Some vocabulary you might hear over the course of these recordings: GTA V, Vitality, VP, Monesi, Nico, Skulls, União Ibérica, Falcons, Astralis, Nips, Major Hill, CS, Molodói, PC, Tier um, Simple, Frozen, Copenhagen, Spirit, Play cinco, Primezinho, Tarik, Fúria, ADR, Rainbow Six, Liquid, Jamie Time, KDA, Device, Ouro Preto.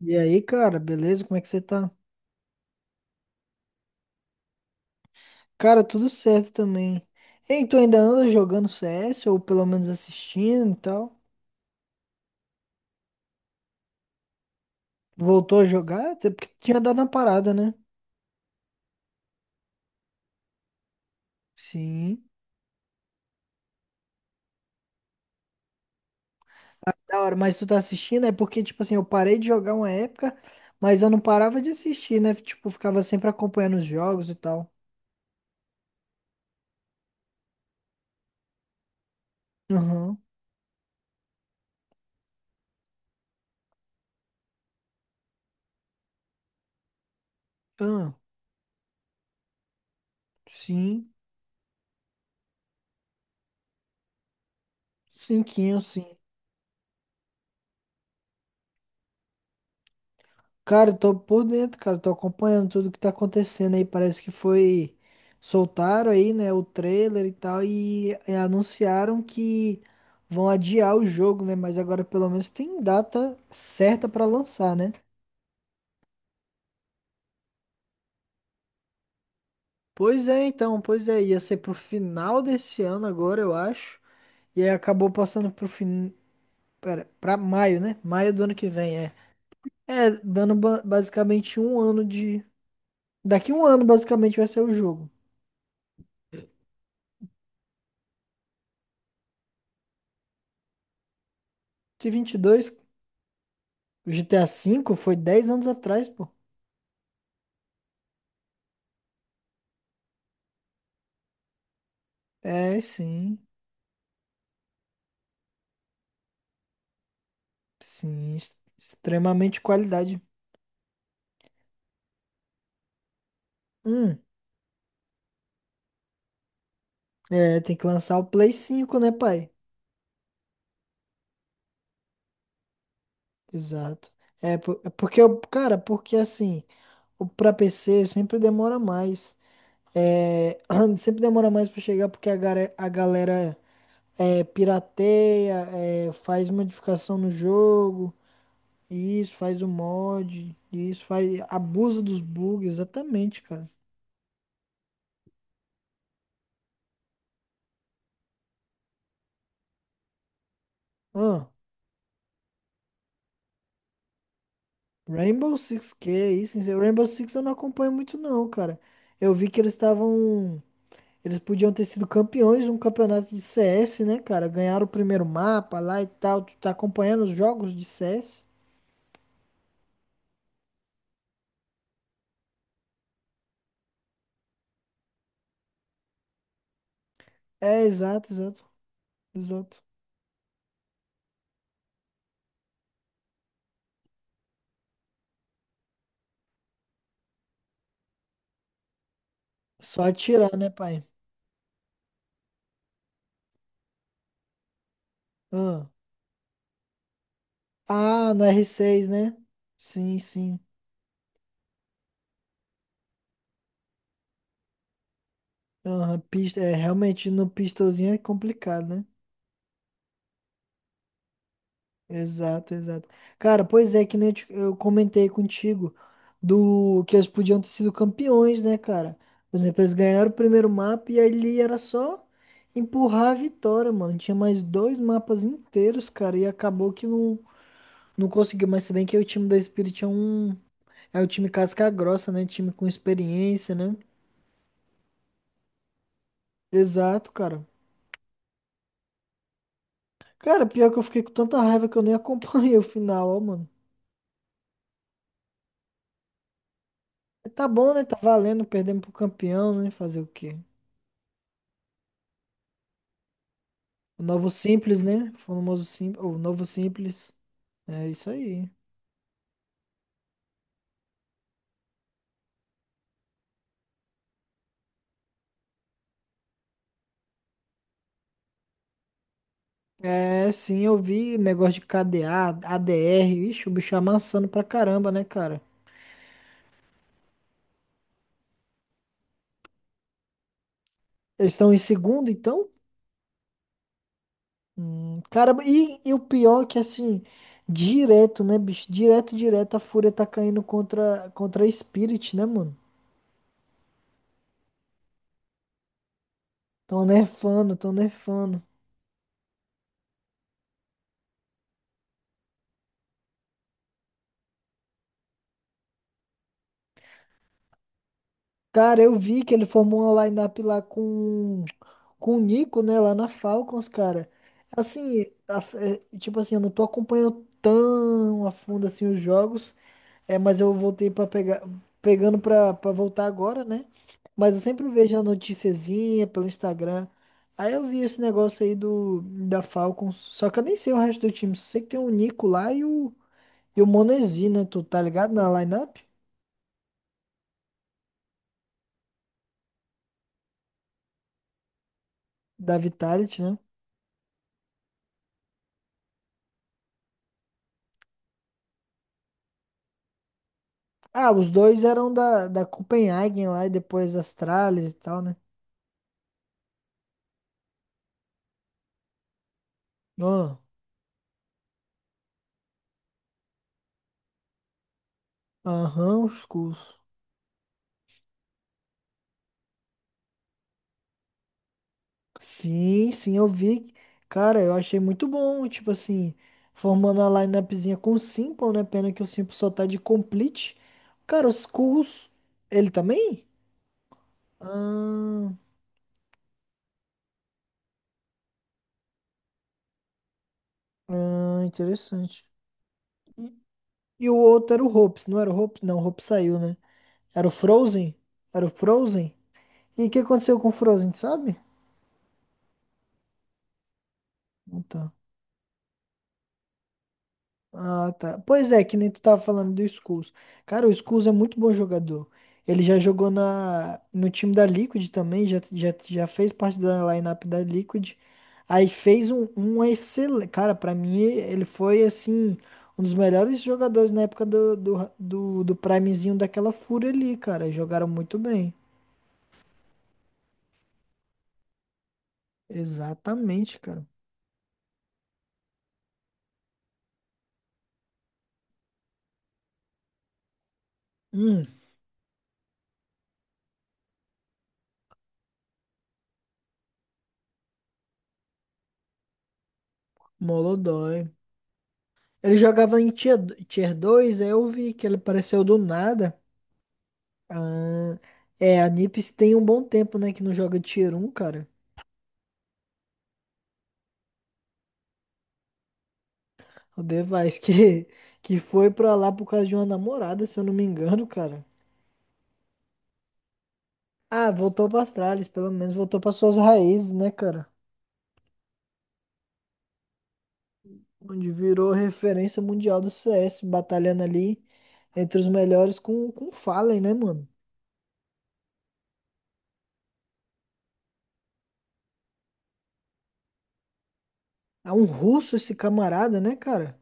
E aí, cara, beleza? Como é que você tá? Cara, tudo certo também. Ei, tu ainda anda jogando CS ou pelo menos assistindo e tal? Voltou a jogar? Até porque tinha dado uma parada, né? Sim. Da hora, mas tu tá assistindo é porque, tipo assim, eu parei de jogar uma época, mas eu não parava de assistir, né? Tipo, ficava sempre acompanhando os jogos e tal. Aham. Ah, sim. Cinquinho, sim. Cara, eu tô por dentro, cara, tô acompanhando tudo que tá acontecendo aí. Parece que foi. Soltaram aí, né, o trailer e tal, e anunciaram que vão adiar o jogo, né? Mas agora pelo menos tem data certa pra lançar, né? Pois é, então, pois é, ia ser pro final desse ano agora, eu acho. E aí acabou passando Pera, pra maio, né? Maio do ano que vem, é. É, dando basicamente um ano de. Daqui um ano, basicamente, vai ser o jogo. Que, 22? O GTA V foi 10 anos atrás, pô. É, sim. Sim, extremamente qualidade. Hum, É, tem que lançar o Play 5, né, pai? Exato. É, é porque, cara, porque assim, o pra PC sempre demora mais. É, sempre demora mais pra chegar porque a galera pirateia, faz modificação no jogo, isso, faz o mod, isso, faz abuso dos bugs, exatamente, cara. Ahn. Rainbow Six, que é isso? Hein? Rainbow Six eu não acompanho muito não, cara. Eu vi que eles podiam ter sido campeões de um campeonato de CS, né, cara? Ganharam o primeiro mapa lá e tal. Tu tá acompanhando os jogos de CS? É, exato, exato, exato. Só atirar, né, pai? Ah, Ah, no R6, né? Sim, sim. Aham, realmente no pistolzinho é complicado, né? Exato, exato. Cara, pois é, que nem eu comentei contigo do que eles podiam ter sido campeões, né, cara? Por exemplo, eles ganharam o primeiro mapa e ali era só empurrar a vitória, mano. Tinha mais dois mapas inteiros, cara, e acabou que não, não conseguiu. Mas se bem que o time da Spirit é o time casca grossa, né? Time com experiência, né? Exato, cara. Cara, pior que eu fiquei com tanta raiva que eu nem acompanhei o final, ó, mano. Tá bom, né? Tá valendo, perdemos pro campeão, né? Fazer o quê? O novo simples, né? O famoso simples. O novo simples. É isso aí. É, sim, eu vi negócio de KDA, ADR. Ixi, o bicho amassando pra caramba, né, cara? Eles estão em segundo, então? Caramba, e o pior é que, assim, direto, né, bicho? Direto, direto, a Fúria tá caindo contra a Spirit, né, mano? Tão nerfando, tão nerfando. Cara, eu vi que ele formou uma lineup lá com o Nico, né? Lá na Falcons, cara. Assim, a- tipo assim, eu não tô acompanhando tão a fundo assim os jogos. É, mas eu voltei pegando pra voltar agora, né? Mas eu sempre vejo a noticiazinha pelo Instagram. Aí eu vi esse negócio aí do, da Falcons. Só que eu nem sei o resto do time. Só sei que tem o Nico lá e o Monesi, né? Tu tá ligado na lineup da Vitality, né? Ah, os dois eram da Copenhagen lá e depois das Astralis e tal, né? Ó, aham, os cursos. Sim, sim, eu vi. Cara, eu achei muito bom, tipo assim, formando a lineupzinha com o Simple, né? Pena que o Simple só tá de complete. Cara, os cursos, ele também? Ah, ah, interessante. E, e o outro era o Hopes, não era o Hopes? Não, o Hopes saiu, né? Era o Frozen? Era o Frozen? E o que aconteceu com o Frozen, sabe? Então. Ah, tá. Pois é, que nem tu tava falando do Skulls. Cara, o Skulls é muito bom jogador. Ele já jogou na, no time da Liquid também, já fez parte da lineup da Liquid. Aí fez um excelente. Cara, pra mim, ele foi assim, um dos melhores jogadores na época do Primezinho daquela fúria ali, cara. Jogaram muito bem. Exatamente, cara. Hum, Molodói. Ele jogava em tier 2, aí eu vi que ele apareceu do nada. Ah, é, a Nips tem um bom tempo, né, que não joga Tier 1, cara. O Device que foi pra lá por causa de uma namorada, se eu não me engano, cara. Ah, voltou pra Astralis, pelo menos voltou para suas raízes, né, cara? Onde virou referência mundial do CS, batalhando ali entre os melhores com o Fallen, né, mano? É um russo esse camarada, né, cara?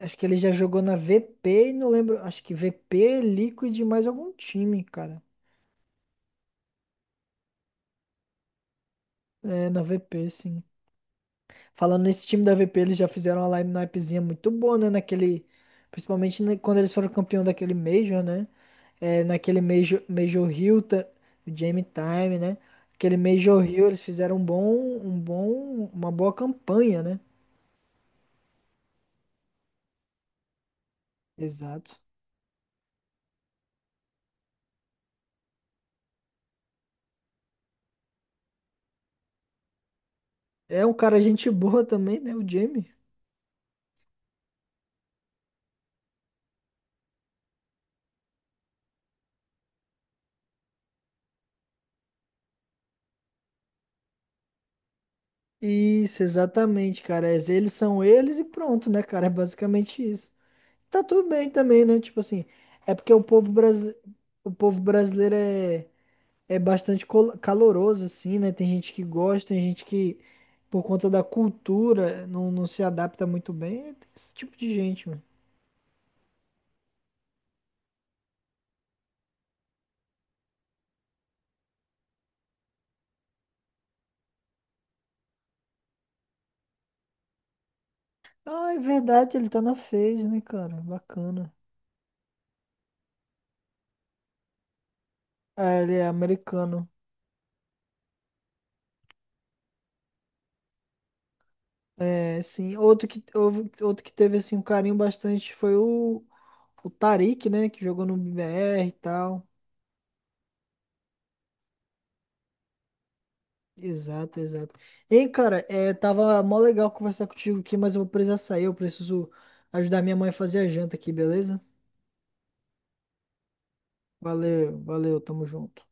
Acho que ele já jogou na VP e não lembro. Acho que VP, Liquid e mais algum time, cara. É, na VP, sim. Falando nesse time da VP, eles já fizeram uma lineupzinha muito boa, né? Principalmente quando eles foram campeão daquele Major, né? É, naquele Major, Major Hill, o Jamie Time, né? Aquele Major Hill, eles fizeram uma boa campanha, né? Exato. É um cara gente boa também, né? O Jamie. Isso, exatamente, cara. É, eles são eles e pronto, né, cara? É basicamente isso. Tá tudo bem também, né? Tipo assim, é porque o povo brasileiro é bastante caloroso, assim, né? Tem gente que gosta, tem gente que, por conta da cultura, não, não se adapta muito bem. Tem esse tipo de gente, mano. Ah, é verdade, ele tá na FaZe, né, cara? Bacana. Ah, ele é americano. É, sim. Outro que teve, assim, um carinho bastante foi o Tarik, né? Que jogou no BR e tal. Exato, exato. Ei, cara, tava mó legal conversar contigo aqui, mas eu vou precisar sair. Eu preciso ajudar minha mãe a fazer a janta aqui, beleza? Valeu, valeu, tamo junto.